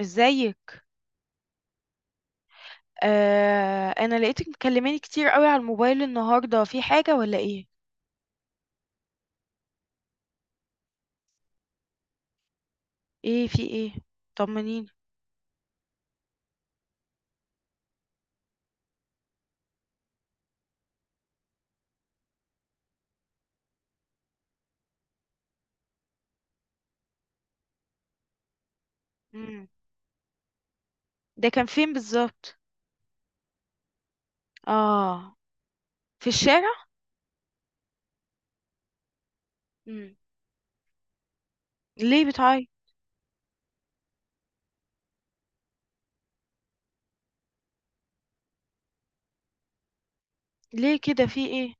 ازيك؟ آه، انا لقيتك مكلماني كتير قوي على الموبايل النهارده، في حاجه ولا ايه؟ ايه، في ايه؟ طمنيني. امم ده كان فين بالظبط؟ اه، في الشارع. امم ليه بتعيط؟ ليه كده، في ايه؟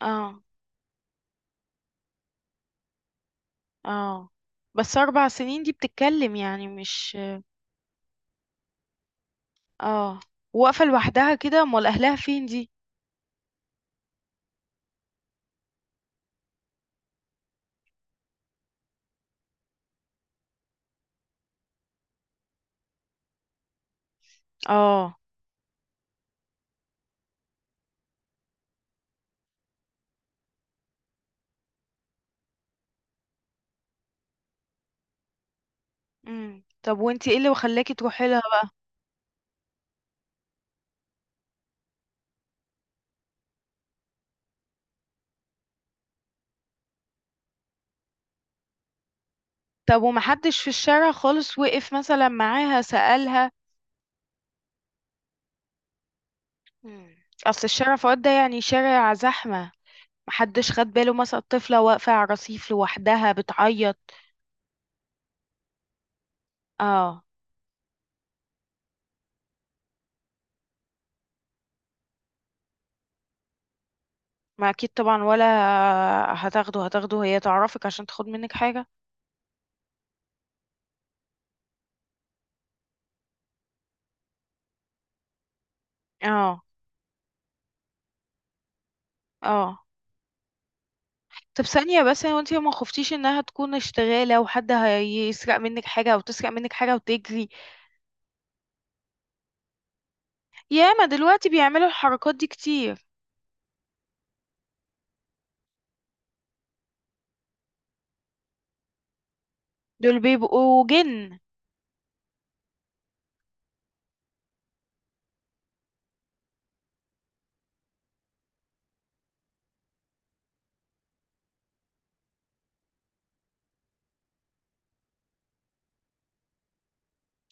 اه اه، بس اربع سنين دي بتتكلم يعني؟ مش اه. واقفه لوحدها كده، امال اهلها فين دي؟ اه. طب وانتي ايه اللي خلاكي تروحي لها بقى؟ طب ومحدش في الشارع خالص وقف مثلا معاها سألها؟ مم. اصل الشارع فؤاد ده يعني شارع زحمة. محدش خد باله مثلا الطفلة واقفة على الرصيف لوحدها بتعيط؟ اه. ما اكيد طبعا، ولا هتاخده؟ هتاخده هي تعرفك عشان تاخد منك حاجة؟ اه. اه. طب ثانية بس، هو انتي ما خفتيش انها تكون اشتغالة وحد هيسرق منك حاجة او تسرق منك حاجة وتجري؟ ياما دلوقتي بيعملوا الحركات دي كتير. دول بيبقوا جن.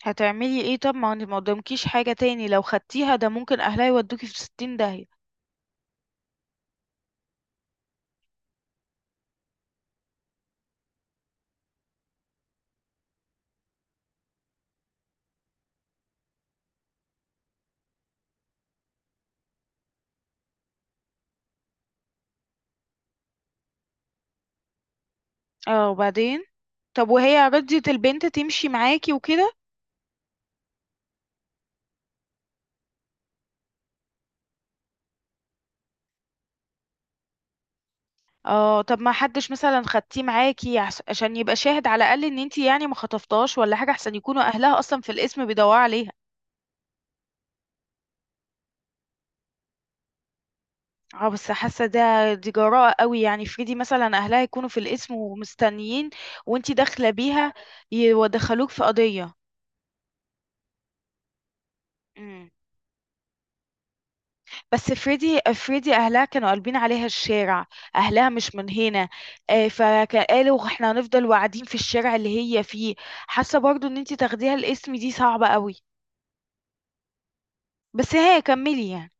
هتعملي ايه طب؟ ما انت ما قدامكيش حاجة تاني، لو خدتيها ده ممكن اهلها يودوكي في ستين داهية. اه، وبعدين؟ طب وهي رضيت البنت تمشي معاكي وكده؟ اه. طب ما حدش مثلا خدتيه معاكي عشان يبقى شاهد على الاقل ان انتي يعني ما خطفتهاش ولا حاجه؟ احسن يكونوا اهلها اصلا في القسم بيدوروا عليها. اه بس حاسه ده، دي جراءه قوي. يعني فريدي مثلا اهلها يكونوا في القسم ومستنيين وانتي داخله بيها، يدخلوك في قضيه. بس فريدي، اهلها كانوا قلبين عليها الشارع. اهلها مش من هنا، فقالوا احنا هنفضل واقعدين في الشارع اللي هي فيه. حاسه برضو ان انتي تاخديها الاسم دي صعبه قوي. بس هي كملي يعني.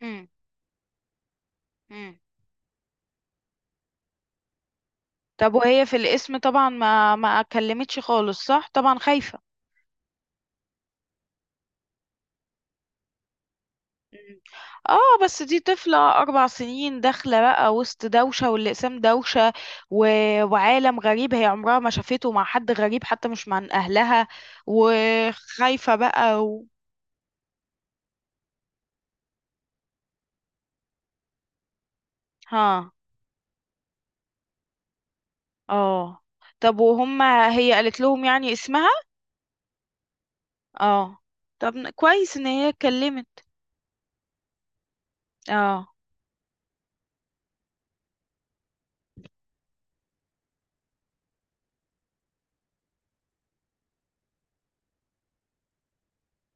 امم امم طب وهي في الاسم طبعا ما كلمتش خالص صح؟ طبعا خايفه. مم. اه بس دي طفلة أربع سنين، داخلة بقى وسط دوشة، والأقسام دوشة و... وعالم غريب هي عمرها ما شافته، مع حد غريب حتى مش مع أهلها، وخايفة بقى و... ها. اه، طب وهما، هي قالت لهم يعني اسمها؟ اه. طب كويس ان هي اتكلمت. اه.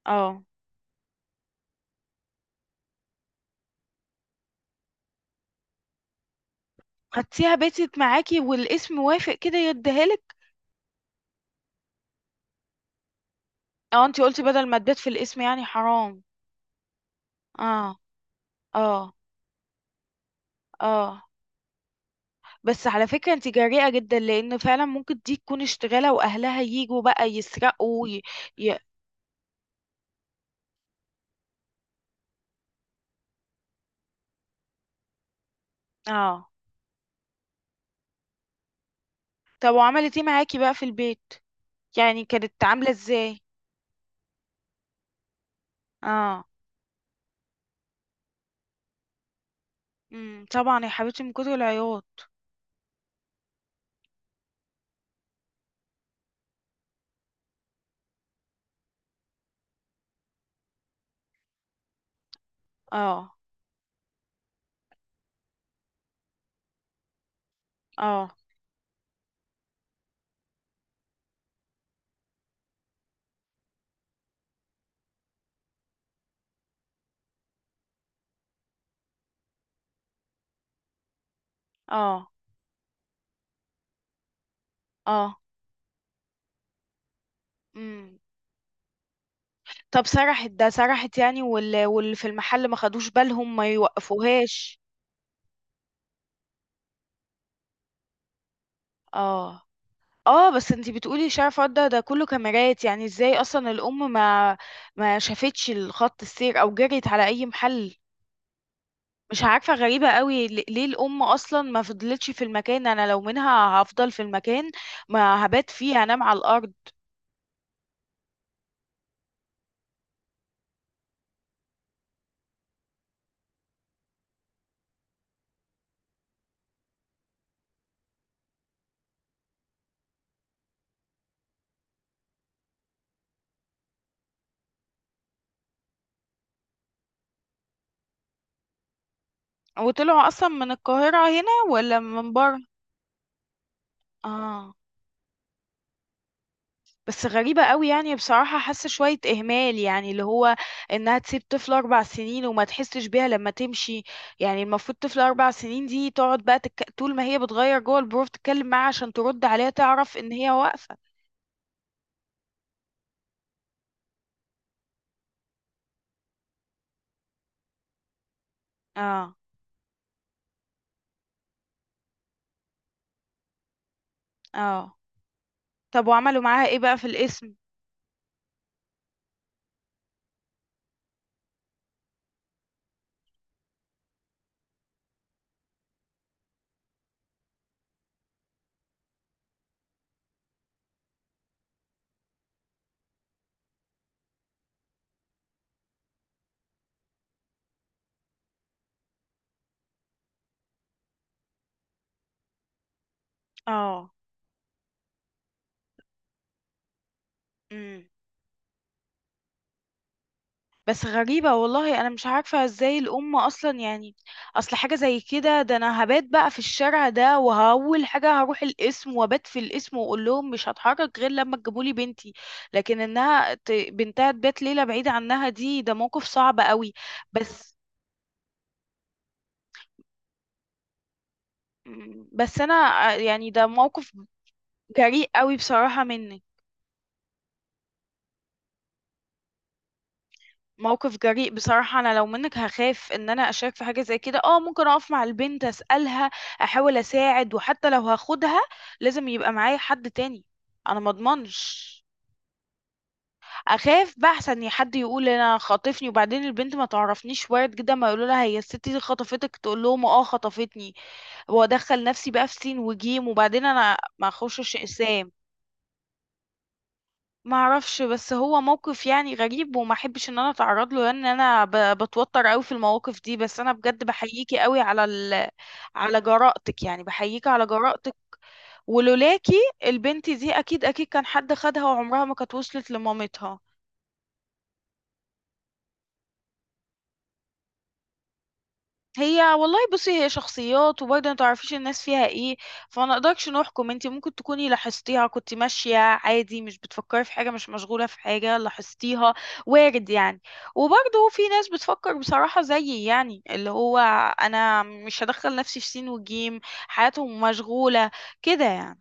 اه. خدتيها بيتت معاكي والاسم وافق كده يديها لك؟ اه، انتي قلتي بدل ما تبات في الاسم يعني حرام. اه. اه. اه بس على فكرة انت جريئة جدا، لان فعلا ممكن دي تكون اشتغالة واهلها يجوا بقى يسرقوا ي... ي... اه. طب وعملت ايه معاكي بقى في البيت؟ يعني كانت عاملة ازاي؟ اه. طبعا يا حبيبتي من كتر العياط. اه. اه. اه. اه. امم طب سرحت ده؟ سرحت يعني، واللي في المحل ما خدوش بالهم، ما يوقفوهاش؟ اه. اه بس انتي بتقولي شارع فرد ده, ده كله كاميرات، يعني ازاي اصلا الام ما شافتش الخط السير او جريت على اي محل؟ مش عارفة، غريبة قوي. ليه الام اصلا ما فضلتش في المكان؟ انا لو منها هفضل في المكان، ما هبات فيه، هنام على الارض. وطلعوا اصلا من القاهرة هنا ولا من بره؟ اه. بس غريبة قوي يعني بصراحة، حاسة شوية إهمال يعني، اللي هو إنها تسيب طفل أربع سنين وما تحسش بيها لما تمشي. يعني المفروض طفل أربع سنين دي تقعد بقى تك... طول ما هي بتغير جوه البروف تتكلم معاها عشان ترد عليها، تعرف إن هي واقفة. اه. اه. طب وعملوا معاها إيه بقى في الاسم؟ اه. إمم. بس غريبة والله، أنا مش عارفة ازاي الأم أصلا يعني. أصل حاجة زي كده، ده أنا هبات بقى في الشارع ده، وأول حاجة هروح القسم وأبات في القسم وأقول لهم مش هتحرك غير لما تجيبولي بنتي. لكن إنها ت... بنتها تبات ليلة بعيدة عنها دي، ده موقف صعب قوي. بس. بس أنا يعني ده موقف جريء قوي بصراحة منك. موقف جريء بصراحة. أنا لو منك هخاف إن أنا أشارك في حاجة زي كده. أه ممكن أقف مع البنت أسألها، أحاول أساعد. وحتى لو هاخدها لازم يبقى معايا حد تاني. أنا مضمنش. أخاف بقى، أحسن حد يقول أنا خاطفني، وبعدين البنت ما تعرفنيش. وارد جدا ما يقولوا لها هي الست دي خطفتك، تقول لهم أه خطفتني، وأدخل نفسي بقى في سين وجيم. وبعدين أنا ما أخشش إسام. ما اعرفش، بس هو موقف يعني غريب، وما احبش ان انا اتعرض له، لان انا بتوتر قوي في المواقف دي. بس انا بجد بحييكي قوي على ال... على جرأتك يعني، بحييكي على جرأتك. ولولاكي البنت دي اكيد، اكيد كان حد خدها وعمرها ما كانت وصلت لمامتها. هي والله، بصي، هي شخصيات وبرضه ما تعرفيش الناس فيها ايه. فما نقدرش نحكم. انت ممكن تكوني لاحظتيها، كنت ماشية عادي مش بتفكري في حاجة، مش مشغولة في حاجة، لاحظتيها. وارد يعني. وبرضه في ناس بتفكر بصراحة زيي، يعني اللي هو انا مش هدخل نفسي في سين وجيم، حياتهم مشغولة كده يعني.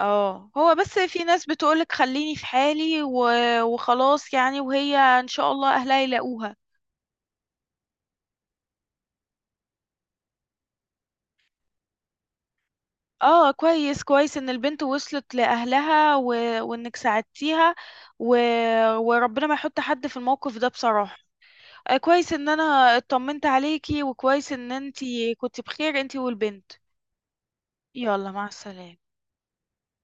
اه، هو بس في ناس بتقولك خليني في حالي و... وخلاص يعني، وهي ان شاء الله اهلها يلاقوها. اه كويس، كويس ان البنت وصلت لاهلها و... وانك ساعدتيها و... وربنا ما يحط حد في الموقف ده بصراحة. كويس ان انا اطمنت عليكي، وكويس ان انتي كنت بخير انتي والبنت. يلا مع السلامة.